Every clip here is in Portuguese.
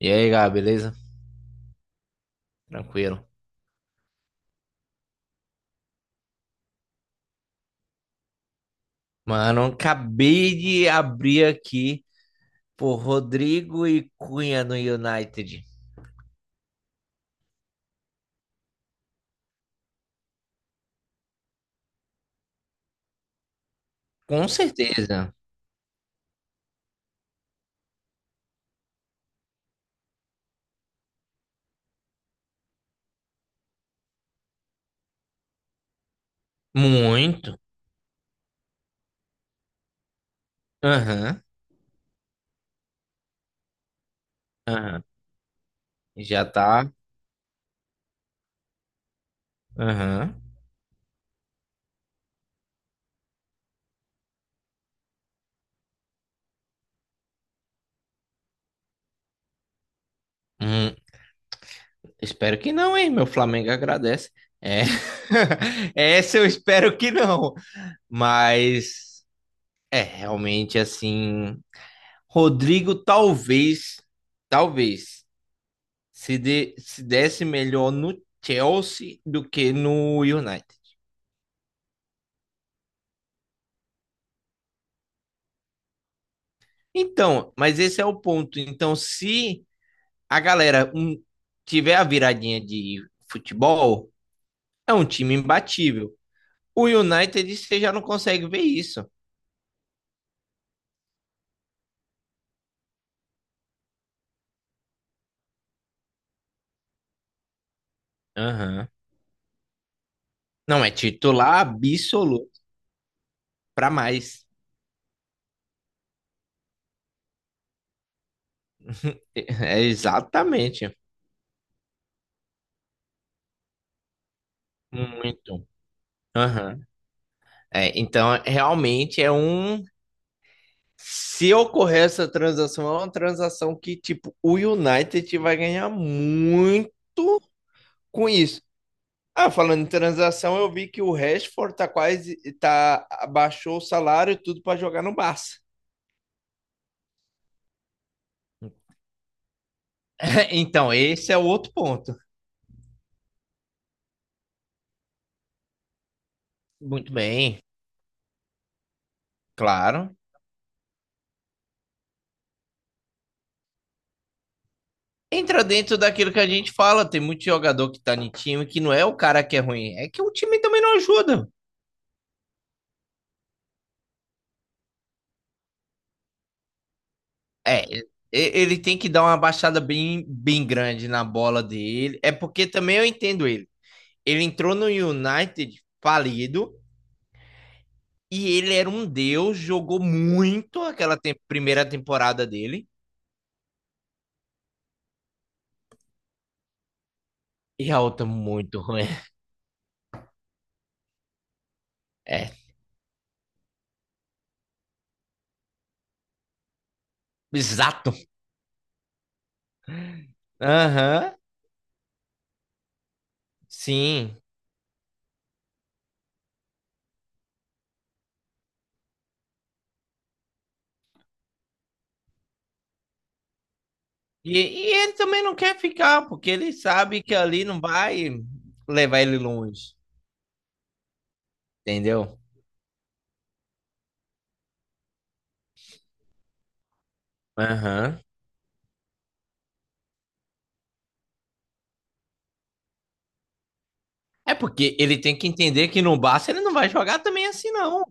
E aí, Gá, beleza? Tranquilo. Mano, acabei de abrir aqui por Rodrigo e Cunha no United. Com certeza. Muito. Aham, aham. Já tá. Aham. Hum, Espero que não, hein? Meu Flamengo agradece. É. Essa eu espero que não. Mas é realmente assim. Rodrigo, talvez. Talvez se desse melhor no Chelsea do que no United. Então, mas esse é o ponto. Então, se a galera tiver a viradinha de futebol, é um time imbatível. O United, você já não consegue ver isso. Aham. Não é titular absoluto para mais. É exatamente. Muito. Aham. É, então, realmente se ocorrer essa transação, é uma transação que, tipo, o United vai ganhar muito com isso. Ah, falando em transação, eu vi que o Rashford tá quase, tá, abaixou o salário e tudo para jogar no Barça. Então, esse é o outro ponto. Muito bem, claro. Entra dentro daquilo que a gente fala, tem muito jogador que tá em time que não é o cara que é ruim, é que o time também não ajuda. É, ele tem que dar uma baixada bem, bem grande na bola dele. É porque também eu entendo ele. Ele entrou no United falido e ele era um deus, jogou muito aquela primeira temporada dele. E a outra muito ruim. É, exato. Aham, sim. E ele também não quer ficar, porque ele sabe que ali não vai levar ele longe, entendeu? Aham. É porque ele tem que entender que no Barça ele não vai jogar também assim, não.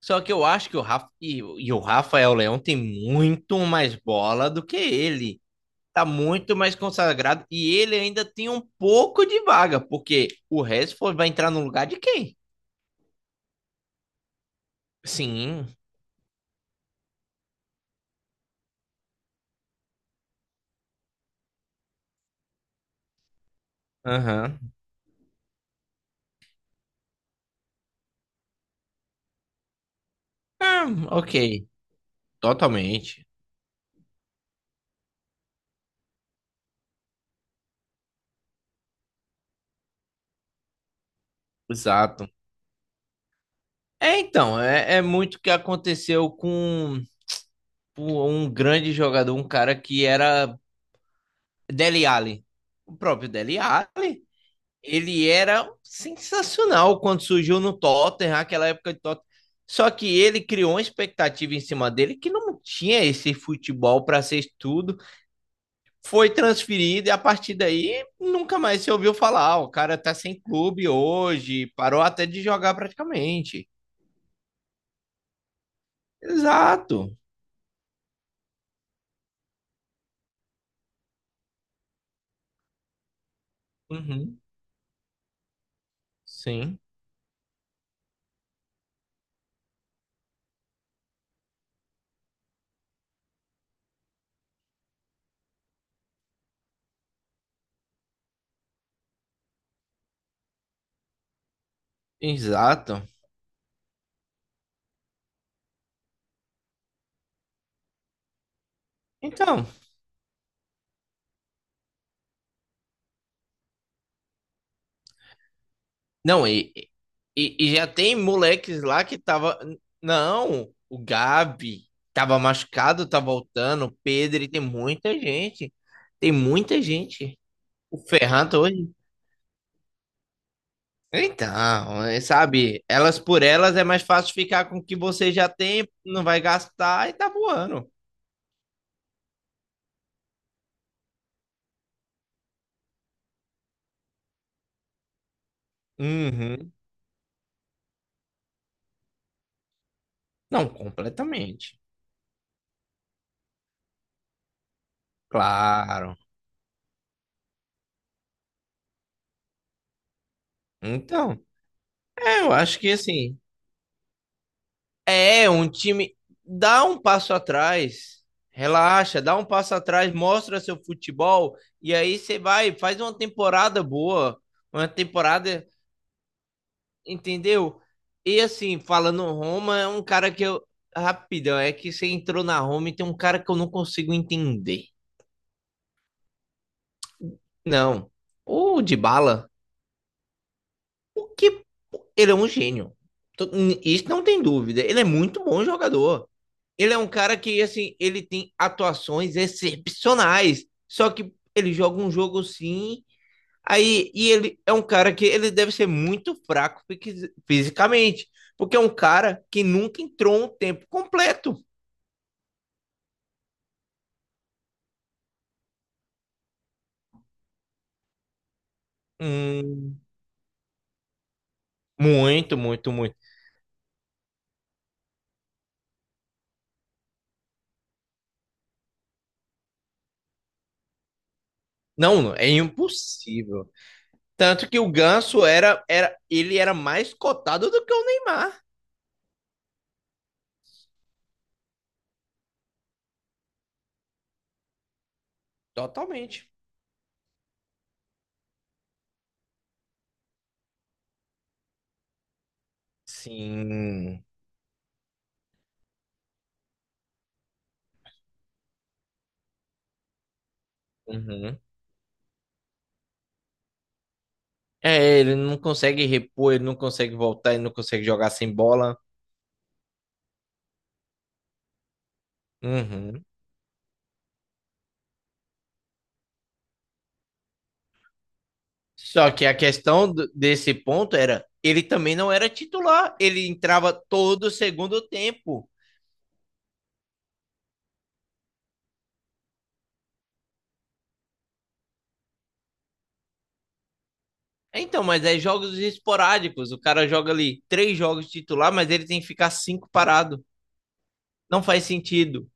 Só que eu acho que o Rafael Leão tem muito mais bola do que ele. Tá muito mais consagrado e ele ainda tem um pouco de vaga, porque o Rashford vai entrar no lugar de quem? Sim. Aham. Ah, ok. Totalmente. Exato. É, então, é, é muito o que aconteceu com um grande jogador, um cara que era Dele Alli. O próprio Dele Alli. Ele era sensacional quando surgiu no Tottenham, aquela época de Tottenham. Só que ele criou uma expectativa em cima dele que não tinha esse futebol para ser tudo. Foi transferido e a partir daí nunca mais se ouviu falar. "Ah, o cara tá sem clube hoje, parou até de jogar praticamente. Exato. Uhum. Sim, exato. Então, não, e já tem moleques lá que tava. Não, o Gabi tava machucado, tá voltando. O Pedro, e tem muita gente. Tem muita gente. O Ferran tá hoje. Então, é, sabe, elas por elas é mais fácil ficar com o que você já tem, não vai gastar e tá voando. Uhum. Não, completamente. Claro. Então, é, eu acho que assim, é, um time. Dá um passo atrás. Relaxa, dá um passo atrás, mostra seu futebol e aí você vai, faz uma temporada boa, uma temporada, entendeu? E assim, falando Roma, é um cara que eu. Rapidão, é que você entrou na Roma e tem um cara que eu não consigo entender. Não. O Dybala, o que. Ele é um gênio. Tô- Isso não tem dúvida. Ele é muito bom jogador. Ele é um cara que, assim, ele tem atuações excepcionais. Só que ele joga um jogo sim. Aí, e ele é um cara que ele deve ser muito fraco fisicamente. Porque é um cara que nunca entrou um tempo completo. Hum, muito, muito, muito. Não, não, é impossível. Tanto que o Ganso ele era mais cotado do que o Neymar. Totalmente. Sim. Uhum. É, ele não consegue repor, ele não consegue voltar, ele não consegue jogar sem bola. Uhum. Só que a questão desse ponto era, ele também não era titular, ele entrava todo segundo tempo. Então, mas é jogos esporádicos, o cara joga ali três jogos titular, mas ele tem que ficar cinco parado. Não faz sentido.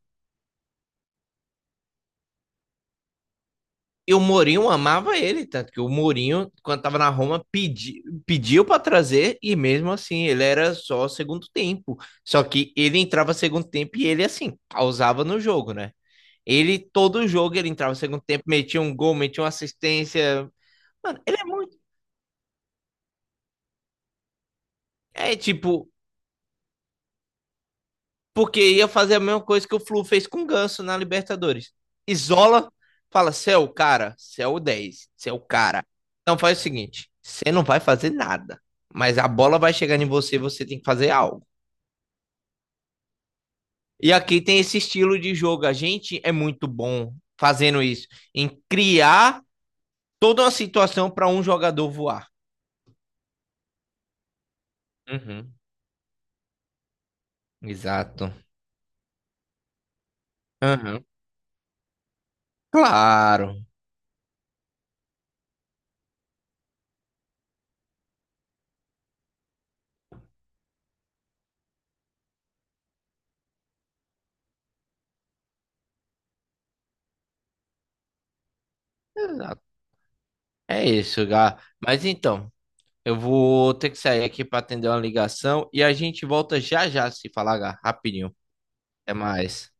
E o Mourinho amava ele, tanto que o Mourinho, quando estava na Roma, pediu para trazer e mesmo assim ele era só segundo tempo. Só que ele entrava segundo tempo e ele, assim, causava no jogo, né? Ele, todo jogo, ele entrava segundo tempo, metia um gol, metia uma assistência. Mano, ele é muito. É tipo, porque ia fazer a mesma coisa que o Flu fez com o Ganso na Libertadores. Isola, fala, você é o cara, você é o 10, você é o cara. Então faz o seguinte, você não vai fazer nada, mas a bola vai chegar em você, e você tem que fazer algo. E aqui tem esse estilo de jogo, a gente é muito bom fazendo isso, em criar toda uma situação para um jogador voar. Uhum, exato. Uhum, claro. Exato. É isso, Gá. Mas então, eu vou ter que sair aqui para atender uma ligação e a gente volta já já se falar rapidinho. Até mais.